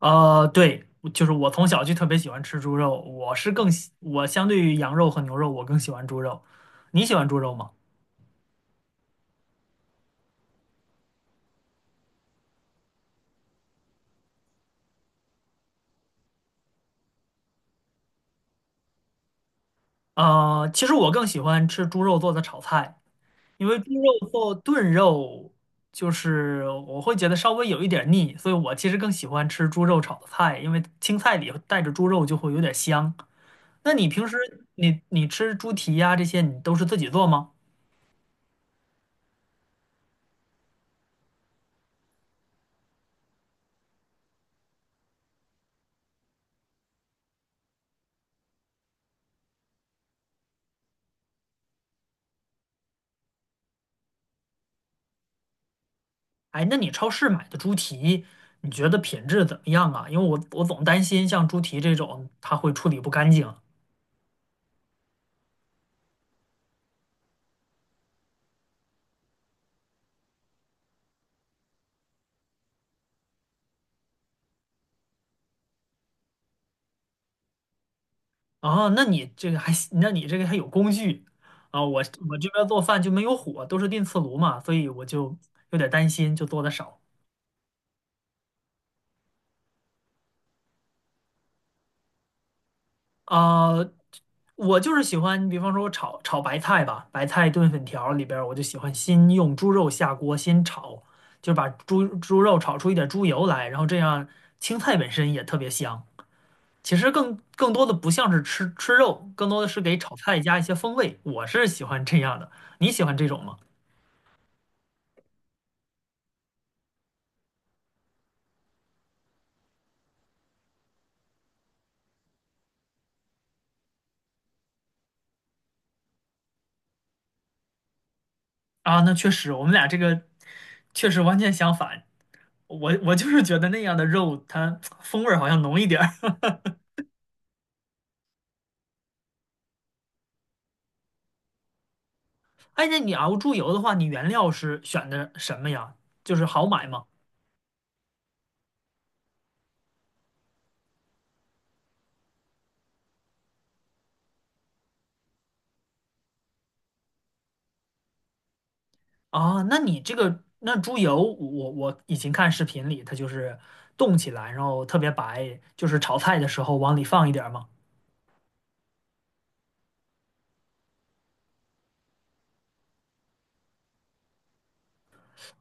对，就是我从小就特别喜欢吃猪肉，我是更喜，我相对于羊肉和牛肉，我更喜欢猪肉。你喜欢猪肉吗？其实我更喜欢吃猪肉做的炒菜，因为猪肉做炖肉，就是我会觉得稍微有一点儿腻，所以我其实更喜欢吃猪肉炒的菜，因为青菜里带着猪肉就会有点香。那你平时你吃猪蹄呀、这些，你都是自己做吗？哎，那你超市买的猪蹄，你觉得品质怎么样啊？因为我总担心像猪蹄这种，它会处理不干净。啊。那你这个还行，那你这个还有工具啊？我这边做饭就没有火，都是电磁炉嘛，所以我就有点担心，就做的少。啊、我就是喜欢，比方说我炒炒白菜吧，白菜炖粉条里边儿我就喜欢先用猪肉下锅先炒，就把猪肉炒出一点猪油来，然后这样青菜本身也特别香。其实更多的不像是吃吃肉，更多的是给炒菜加一些风味。我是喜欢这样的，你喜欢这种吗？啊，那确实，我们俩这个确实完全相反。我就是觉得那样的肉它风味儿好像浓一点儿。哎，那你熬猪油的话，你原料是选的什么呀？就是好买吗？啊，那你这个那猪油，我以前看视频里，它就是冻起来，然后特别白，就是炒菜的时候往里放一点儿嘛。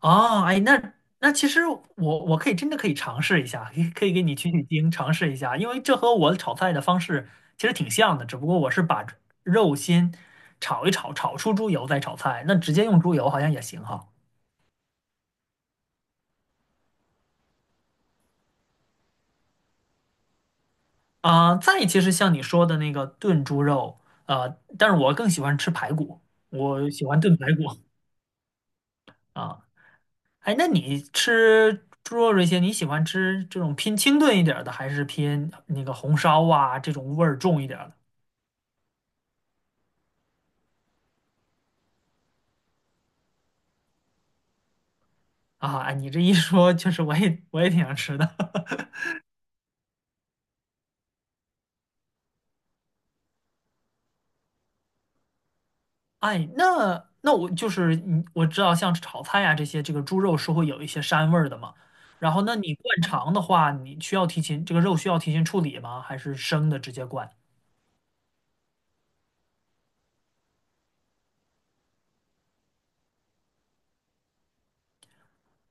哦，哎，那其实我可以真的可以尝试一下，可以可以给你取取经，尝试一下，因为这和我炒菜的方式其实挺像的，只不过我是把肉先炒一炒，炒出猪油再炒菜，那直接用猪油好像也行哈。再其实像你说的那个炖猪肉，但是我更喜欢吃排骨，我喜欢炖排骨啊。哎，那你吃猪肉这些，你喜欢吃这种偏清炖一点儿的，还是偏那个红烧啊这种味儿重一点儿的？啊，哎你这一说，确实我也挺想吃的。哎，那我就是你，我知道像炒菜呀这些，这个猪肉是会有一些膻味儿的嘛。然后，那你灌肠的话，你需要提前这个肉需要提前处理吗？还是生的直接灌？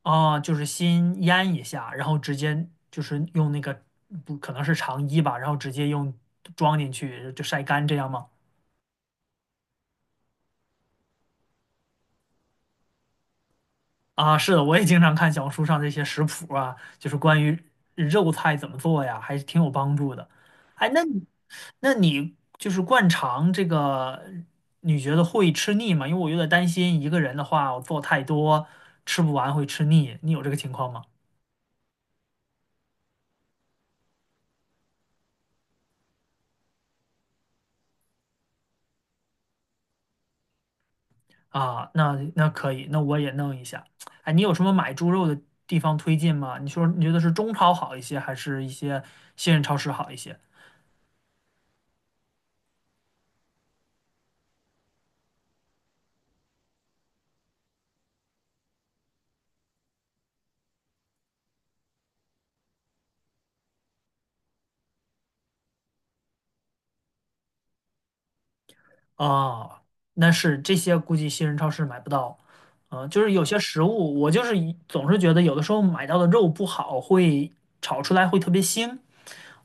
啊，就是先腌一下，然后直接就是用那个不可能是肠衣吧，然后直接用装进去就晒干这样吗？啊，是的，我也经常看小红书上这些食谱啊，就是关于肉菜怎么做呀，还是挺有帮助的。哎，那你就是灌肠这个，你觉得会吃腻吗？因为我有点担心一个人的话，我做太多吃不完会吃腻。你有这个情况吗？啊，那那可以，那我也弄一下。哎，你有什么买猪肉的地方推荐吗？你说你觉得是中超好一些，还是一些信任超市好一些？啊，那是这些估计新人超市买不到，啊，就是有些食物，我就是一总是觉得有的时候买到的肉不好，会炒出来会特别腥，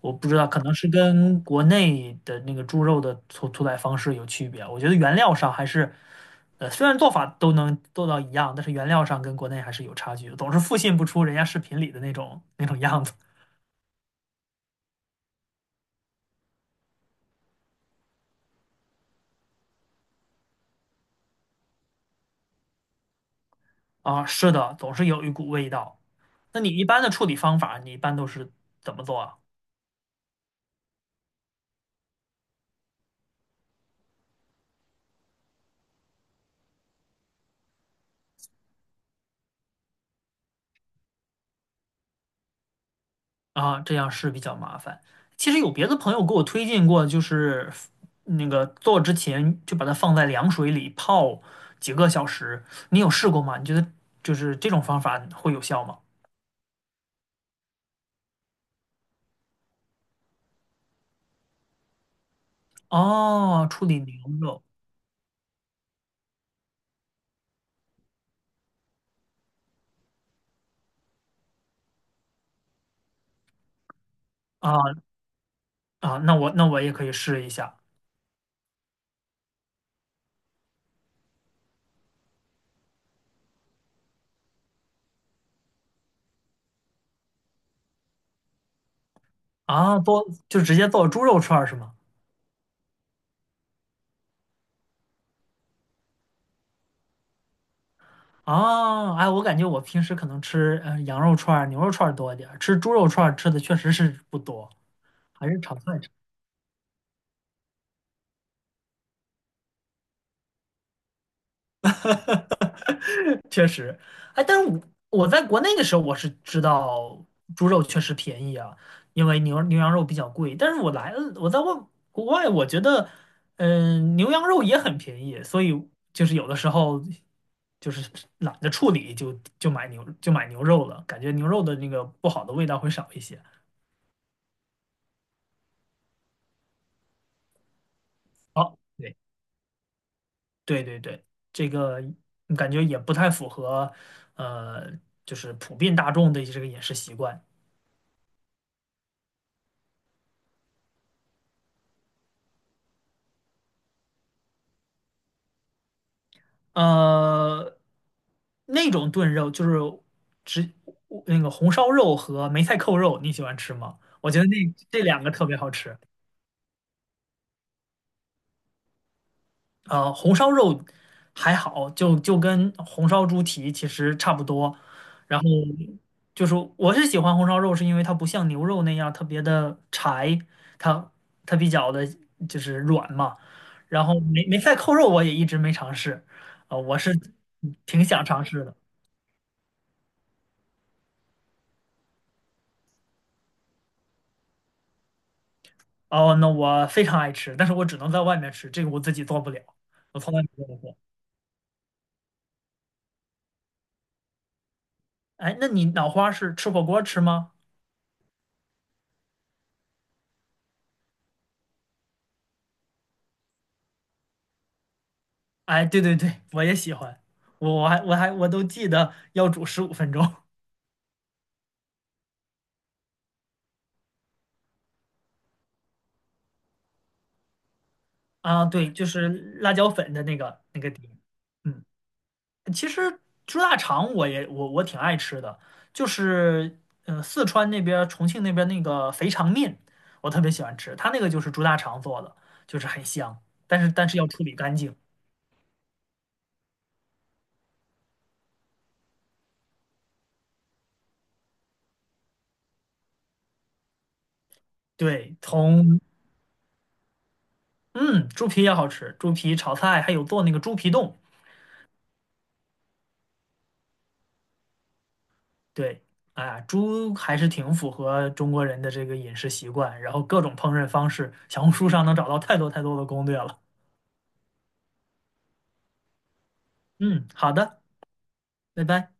我不知道，可能是跟国内的那个猪肉的屠宰方式有区别。我觉得原料上还是，虽然做法都能做到一样，但是原料上跟国内还是有差距的总是复现不出人家视频里的那种样子啊。是的，总是有一股味道。那你一般的处理方法，你一般都是怎么做啊？啊，这样是比较麻烦。其实有别的朋友给我推荐过，就是那个做之前就把它放在凉水里泡几个小时。你有试过吗？你觉得就是这种方法会有效吗？哦，处理牛肉啊，啊，那我也可以试一下啊，多就直接做猪肉串儿是吗？啊，哎，我感觉我平时可能吃羊肉串儿、牛肉串儿多一点儿，吃猪肉串儿吃的确实是不多，还是炒菜吃。确实，哎，但是我在国内的时候，我是知道猪肉确实便宜啊，因为牛羊肉比较贵。但是我来了，我在外国外，我觉得，嗯、牛羊肉也很便宜，所以就是有的时候就是懒得处理就，就买牛肉了，感觉牛肉的那个不好的味道会少一些。哦，对对对，这个感觉也不太符合，呃，就是普遍大众的这个饮食习惯。呃，那种炖肉就是只那个红烧肉和梅菜扣肉，你喜欢吃吗？我觉得那这两个特别好吃。呃，红烧肉还好，就跟红烧猪蹄其实差不多。然后就是我是喜欢红烧肉，是因为它不像牛肉那样特别的柴，它它比较的就是软嘛。然后梅菜扣肉我也一直没尝试，我是挺想尝试的。哦，那我非常爱吃，但是我只能在外面吃，这个我自己做不了，我从来没做过。哎，那你脑花是吃火锅吃吗？哎，对对对，我也喜欢，我都记得要煮15分钟 啊。对，就是辣椒粉的那个底。嗯，其实猪大肠我也我我挺爱吃的，就是嗯四川那边儿重庆那边儿那个肥肠面，我特别喜欢吃，它那个就是猪大肠做的，就是很香，但是要处理干净。对，从嗯，猪皮也好吃，猪皮炒菜还有做那个猪皮冻。对，哎呀，猪还是挺符合中国人的这个饮食习惯，然后各种烹饪方式，小红书上能找到太多太多的攻略了。嗯，好的，拜拜。